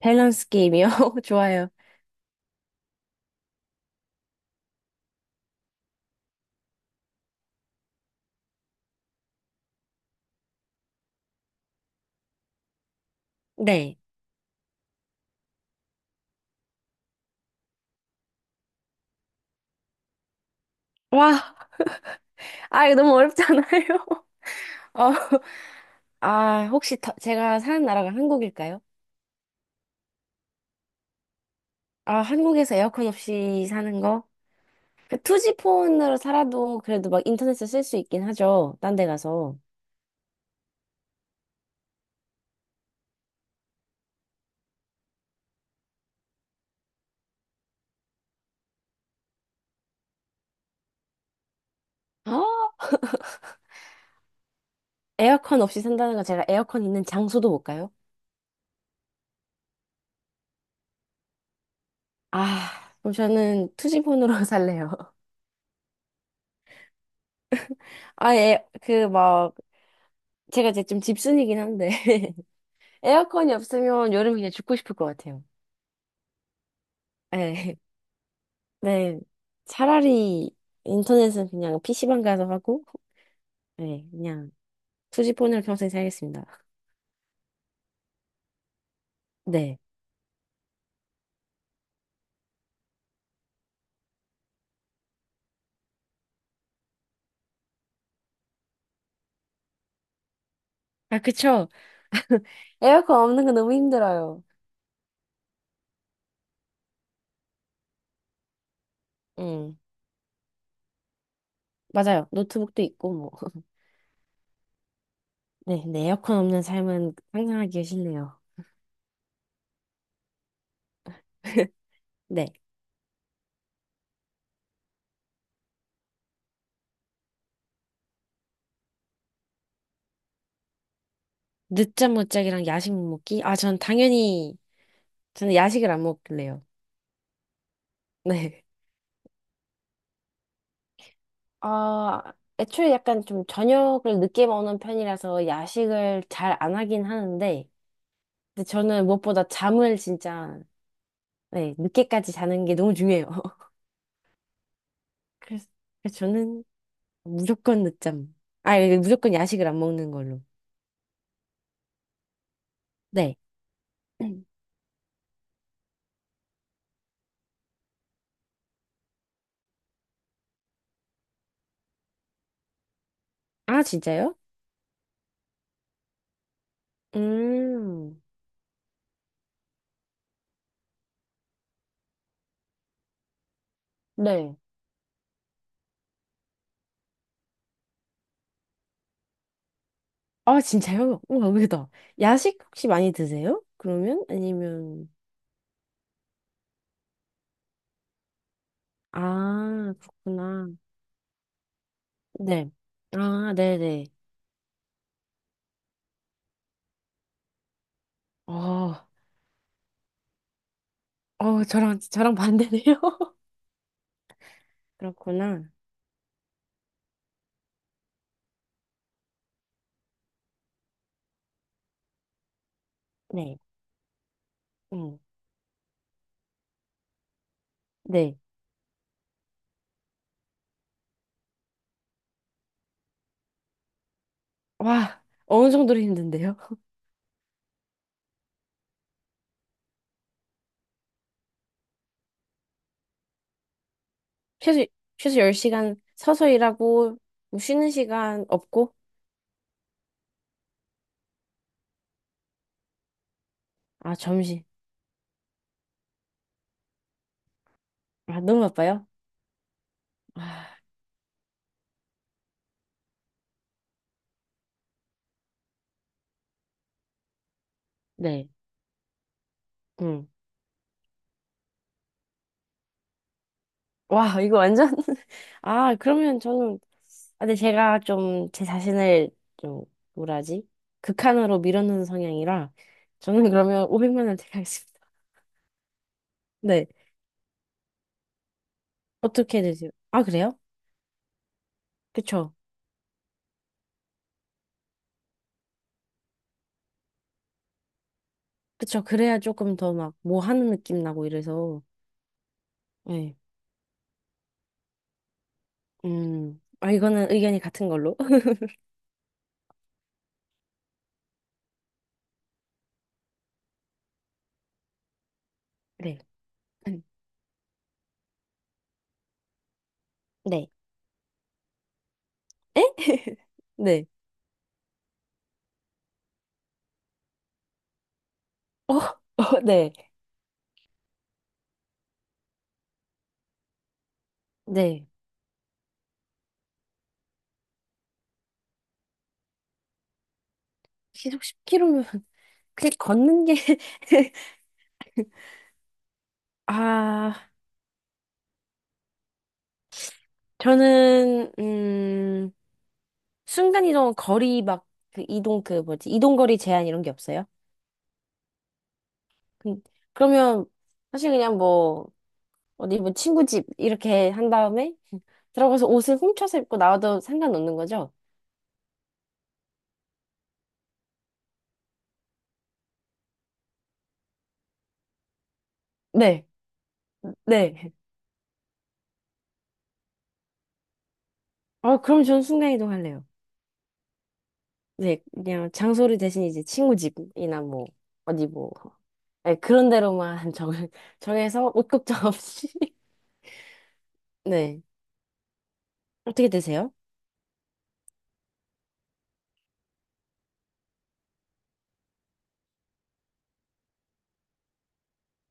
밸런스 게임이요? 좋아요. 네. 와, 아, 이거 너무 어렵잖아요. 어, 아, 혹시 제가 사는 나라가 한국일까요? 아, 한국에서 에어컨 없이 사는 거? 그 투지 폰으로 살아도 그래도 막 인터넷을 쓸 수 있긴 하죠. 딴 데 가서. 아, 에어컨 없이 산다는 건 제가 에어컨 있는 장소도 못 가요? 아, 그럼 저는 투지 폰으로 살래요. 아, 예, 그 막, 제가 이제 좀 집순이긴 한데, 에어컨이 없으면 여름 그냥 죽고 싶을 것 같아요. 예. 네. 차라리 인터넷은 그냥 PC방 가서 하고, 네, 그냥 투지폰으로 평생 살겠습니다. 네. 아, 그쵸. 에어컨 없는 건 너무 힘들어요. 음, 맞아요. 노트북도 있고, 뭐. 네, 네. 에어컨 없는 삶은 상상하기 싫네요. 네. 늦잠 못 자기랑 야식 못 먹기? 아, 전 당연히, 저는 야식을 안 먹길래요. 네. 아, 애초에 약간 좀 저녁을 늦게 먹는 편이라서 야식을 잘 안 하긴 하는데, 근데 저는 무엇보다 잠을 진짜, 네, 늦게까지 자는 게 너무 중요해요. 그래서, 그래서 저는 무조건 늦잠. 아, 이거 무조건 야식을 안 먹는 걸로. 네. 아, 진짜요? 음, 네. 아, 진짜요? 우와, 의외다. 야식 혹시 많이 드세요? 그러면? 아니면, 아, 그렇구나. 네. 아, 네네. 어, 저랑 반대네요. 그렇구나. 네. 음, 네. 와, 어느 정도로 힘든데요? 최소, 최소 10시간 서서 일하고, 뭐 쉬는 시간 없고, 아, 점심. 아, 너무 바빠요? 아, 네. 음. 와, 이거 완전. 아, 그러면 저는, 아, 근데 제가 좀 제 자신을 좀, 뭐라지? 극한으로 밀어넣는 성향이라, 저는 그러면 500만 원 택하겠습니다. 네. 어떻게 되세요? 아, 그래요? 그쵸. 그쵸. 그래야 조금 더 막, 뭐 하는 느낌 나고 이래서. 네. 음. 아, 이거는 의견이 같은 걸로. 네. 음. 네. 에? 네. 어, 어, 네. 네. 시속 10km면 그냥 걷는 게 아, 저는 순간 이동 거리 막 그 이동, 그 뭐지? 이동 거리 제한 이런 게 없어요? 그, 그러면 사실 그냥 뭐 어디 뭐 친구 집 이렇게 한 다음에 들어가서 옷을 훔쳐서 입고 나와도 상관없는 거죠? 네, 네. 어, 그럼 저는 순간 이동할래요. 네, 그냥 장소를 대신 이제 친구 집이나 뭐, 어디 뭐, 네, 그런 데로만 정해서 옷 걱정 없이. 네. 어떻게 되세요?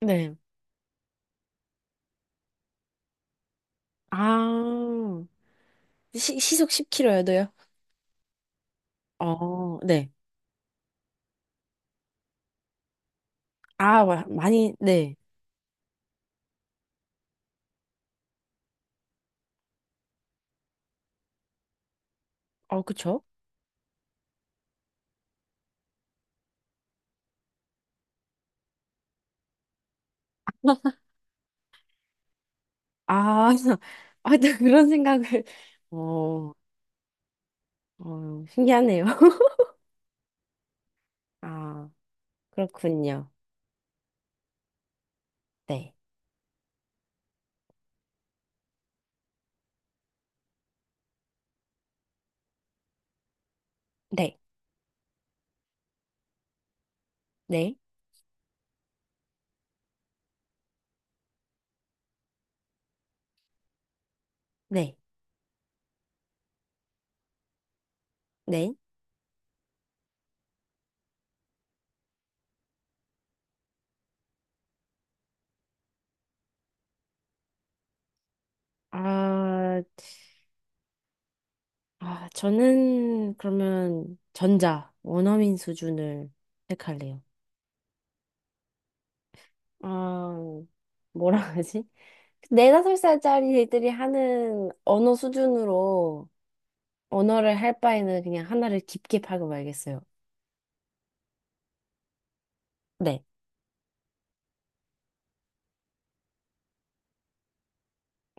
네. 아, 시속 10km여도요? 어, 네. 아, 많이, 네. 어, 그쵸? 아, 아, 또 그런 생각을, 어, 어, 신기하네요. 아, 그렇군요. 네. 네. 네. 네. 네. 아, 아, 저는 그러면 전자, 원어민 수준을 택할래요. 아, 뭐라 하지? 네다섯 살짜리 애들이 하는 언어 수준으로 언어를 할 바에는 그냥 하나를 깊게 파고 말겠어요. 네.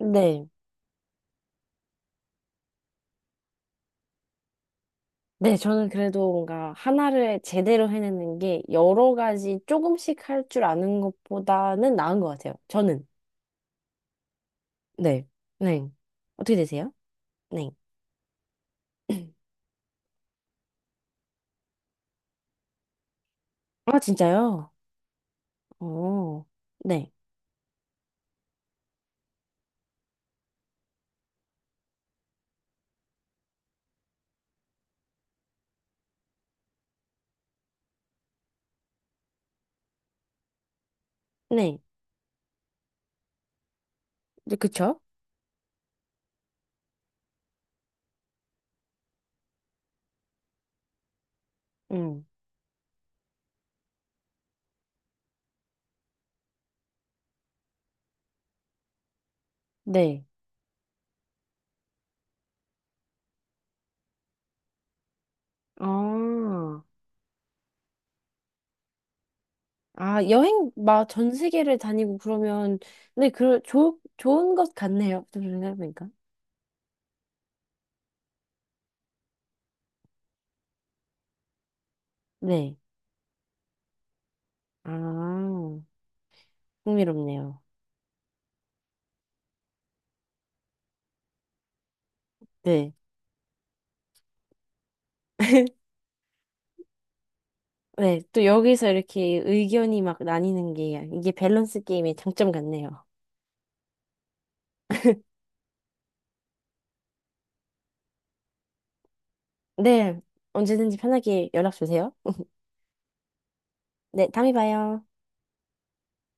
네. 네, 저는 그래도 뭔가 하나를 제대로 해내는 게 여러 가지 조금씩 할 줄 아는 것보다는 나은 것 같아요. 저는. 네. 네. 어떻게 되세요? 네. 아, 진짜요? 어. 네. 네. 네, 그쵸? 음. 네. 아. 아, 여행 막 전 세계를 다니고 그러면, 네, 좋은 것 같네요. 좀 생각해보니까. 네. 아, 흥미롭네요. 네. 네, 또 여기서 이렇게 의견이 막 나뉘는 게 이게 밸런스 게임의 장점 같네요. 네, 언제든지 편하게 연락 주세요. 네, 다음에 봐요.